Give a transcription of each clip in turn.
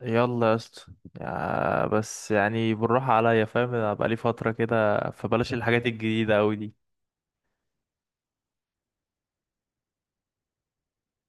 يلا يا اسطى. بس يعني بالراحة عليا، فاهم، انا بقالي فترة كده، فبلاش الحاجات الجديدة اوي دي.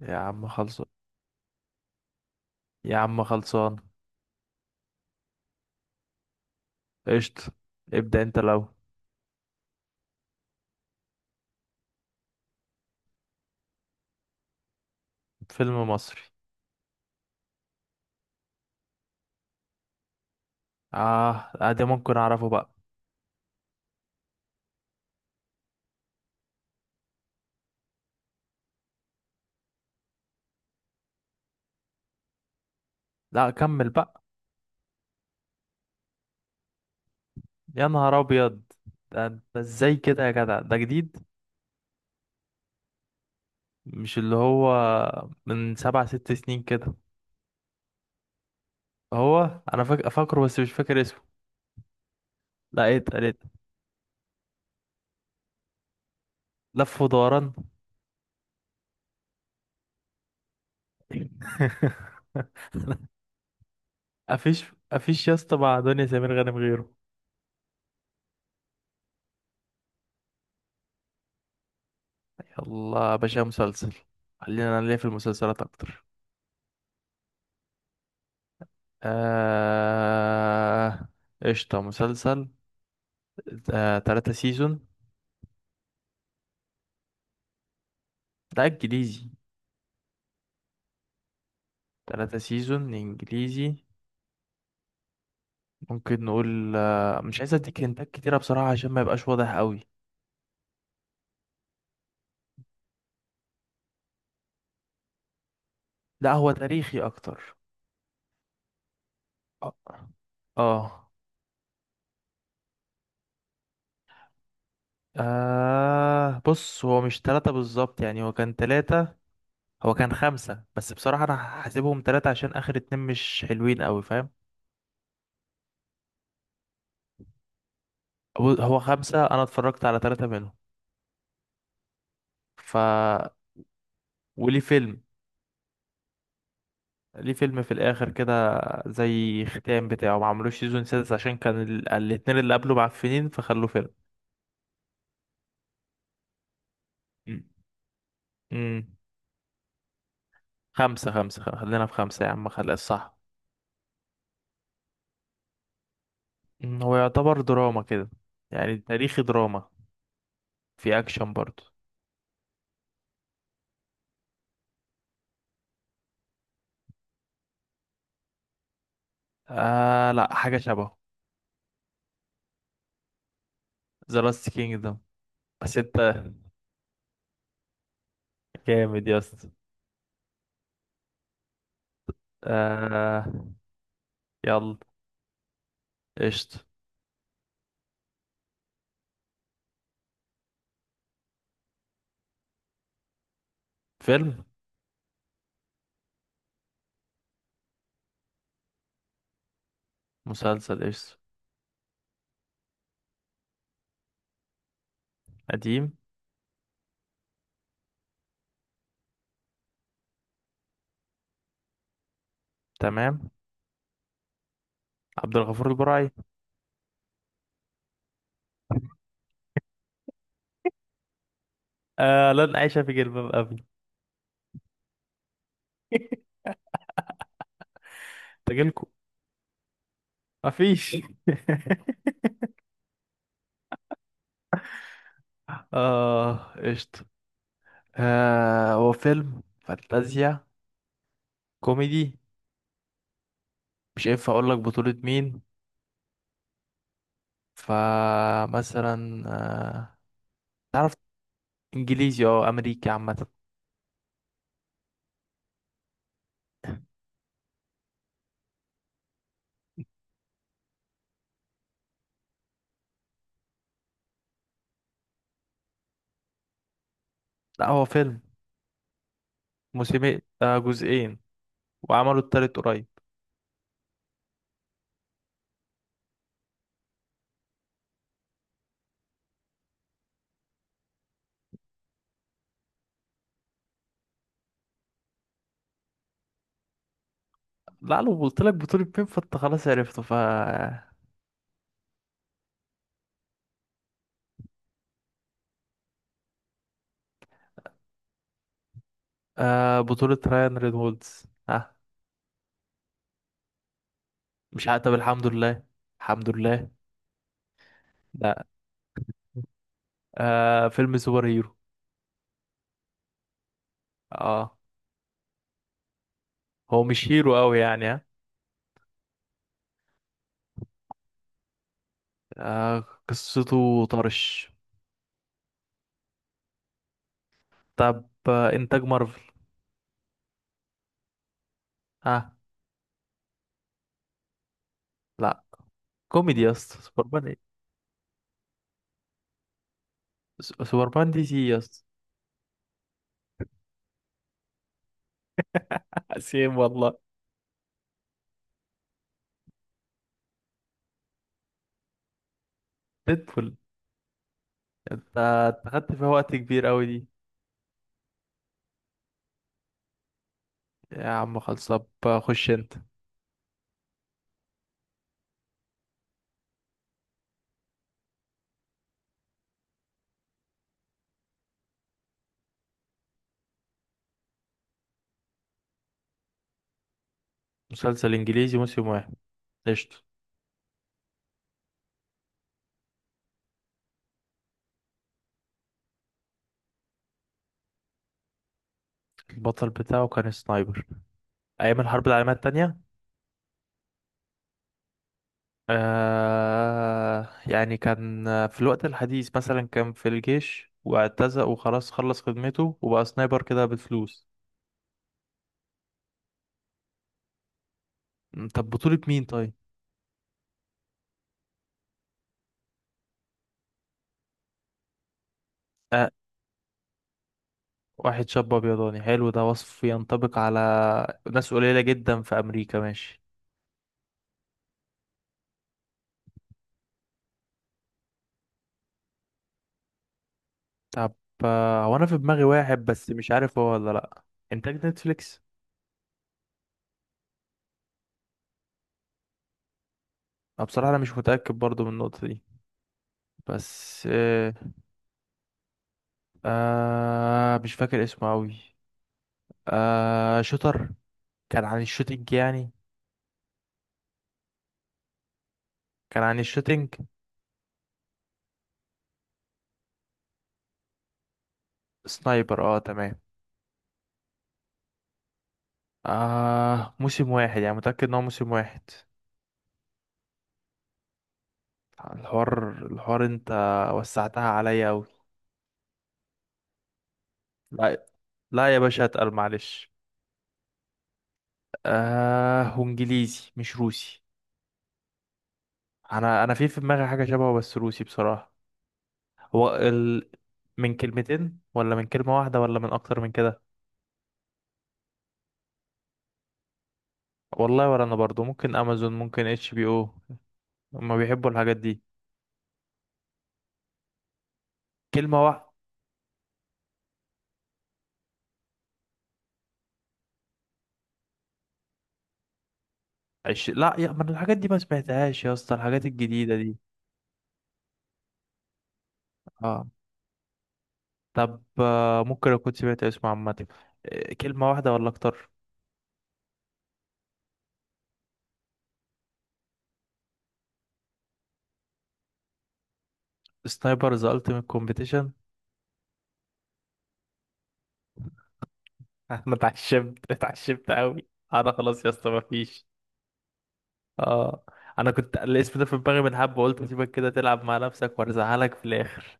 يا عم خلصان. يا عم خلصان. قشطة، ابدأ انت لو. فيلم مصري. اه. ده ممكن اعرفه بقى. لا، كمل بقى. يا نهار ابيض، ده ازاي كده يا جدع؟ ده جديد؟ مش اللي هو من سبع ست سنين كده؟ هو انا فاكره بس مش فاكر اسمه. لا، ايه ده إيه ده؟ لف ودوران. مفيش مفيش. يا اسطى، مع دنيا سمير غانم غيره. يلا يا باشا، مسلسل. خلينا، انا ليا في المسلسلات اكتر. آه... قشطة، مسلسل. تلاتة سيزون. ده انجليزي. 3 سيزون انجليزي. ممكن نقول مش عايز اديك هنتات كتيرة بصراحة عشان ما يبقاش واضح قوي. لا، هو تاريخي اكتر. اه. اه. بص، هو مش 3 بالظبط، يعني هو كان 3. هو كان 5، بس بصراحة أنا هحسبهم 3 عشان آخر 2 مش حلوين أوي، فاهم. هو 5، أنا اتفرجت على 3 منهم. ف وليه فيلم. ليه فيلم في الآخر كده، زي ختام بتاعه، ما عملوش سيزون سادس عشان كان الاتنين اللي قبله معفنين، فخلوه فيلم. مم. مم. 5 5، خلينا في 5 يا عم، خلي الصح. هو يعتبر دراما كده. يعني تاريخي دراما. في أكشن برضه. لا، حاجة شبهه. ذا لاست كينجدم. بس انت، جامد يا اسطى. آه. يلا. قشطة. فيلم. مسلسل، قشطة. قديم. تمام. عبد الغفور البرعي. آه، لن أعيش في جلباب أبي. تجيلكوا. مفيش. اه، قشطة. آه، هو فيلم فانتازيا كوميدي. مش هينفع اقول لك بطولة مين. فمثلا تعرف، انجليزي او امريكي عامة. لا، هو فيلم. موسمين، جزئين. وعملوا التالت قريب. لا، لو قلت لك بطولة مين، فانت خلاص عرفته، آه، بطولة رايان رينولدز. ها. مش عارف، طب الحمد لله. الحمد لله. لا. آه، فيلم سوبر هيرو. اه. هو مش هيرو قوي يعني، ها. قصته طرش. طب انتاج مارفل. ها. لا. كوميدي يا اسطى، سوبرمان ايه؟ سوبرمان دي سي يا اسطى. سيم والله. ديدبول. انت خدت فيها وقت كبير قوي دي. يا عم خلص، طب خش انت. مسلسل انجليزي موسم 1. قشطة. البطل بتاعه كان سنايبر. أيام الحرب العالمية التانية. يعني كان في الوقت الحديث مثلا، كان في الجيش واعتزق وخلاص خلص خدمته وبقى سنايبر كده بفلوس. طب بطولة مين طيب؟ آه، واحد شاب أبيضاني حلو، ده وصف ينطبق على ناس قليلة جدا في أمريكا، ماشي. طب هو أنا في دماغي واحد، بس مش عارف هو ولا لأ. إنتاج نتفليكس؟ أنا بصراحة أنا مش متأكد برضو من النقطة دي. بس مش فاكر اسمه أوي. آه، شوتر. كان عن الشوتينج يعني. كان عن الشوتينج. سنايبر، اه، تمام. آه، موسم واحد، يعني متأكد ان هو موسم 1. الحوار انت، وسعتها عليا اوي. لا، لا يا باشا، اتقل معلش. آه، وانجليزي مش روسي. انا في دماغي حاجة شبهه بس روسي بصراحة. هو من كلمتين ولا من كلمة 1 ولا من اكتر من كده؟ والله ولا انا برضو، ممكن امازون، ممكن HBO. هما بيحبوا الحاجات دي. كلمة واحدة. لا، يا، من الحاجات دي ما سمعتهاش يا اسطى، الحاجات الجديدة دي. اه. طب ممكن اكون سمعت اسمه عامة. كلمة 1 ولا اكتر. سنايبر ذا التيمت كومبيتيشن. انا اتعشمت اتعشمت قوي. انا خلاص يا اسطى مفيش. اه. انا كنت الاسم ده في دماغي من حبة، قلت سيبك كده تلعب مع نفسك وارزعلك في الاخر.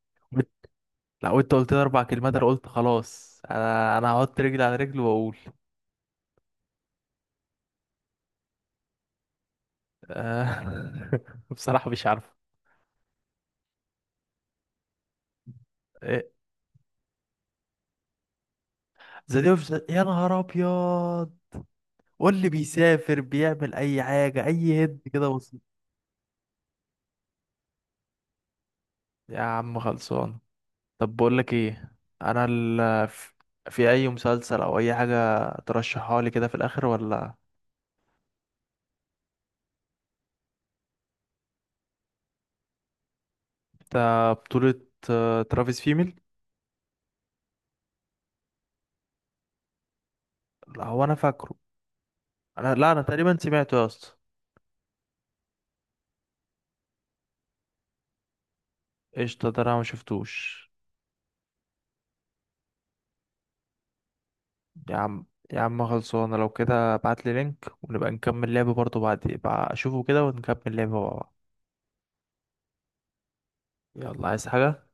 وإنت- لا، وانت قلت لي 4 كلمات، انا قلت خلاص، انا هحط رجلي على رجلي واقول. بصراحة مش عارف. ذا ديفز، يا نهار ابيض. واللي بيسافر بيعمل اي حاجه، اي هد كده بسيط. يا عم خلصان. طب بقول لك ايه، انا في اي مسلسل او اي حاجه ترشحها لي كده في الاخر ولا؟ ده بطوله ترافيس فيميل. لا، هو انا فاكره. انا، لا، انا تقريبا سمعته يا اسطى. قشطه، ده انا ما شفتوش. يا عم. يا عم خلصانه، لو كده ابعت لي لينك، ونبقى نكمل لعبه برضه بعد بقى اشوفه كده، ونكمل لعبه مع بعض. يلا، عايز حاجه؟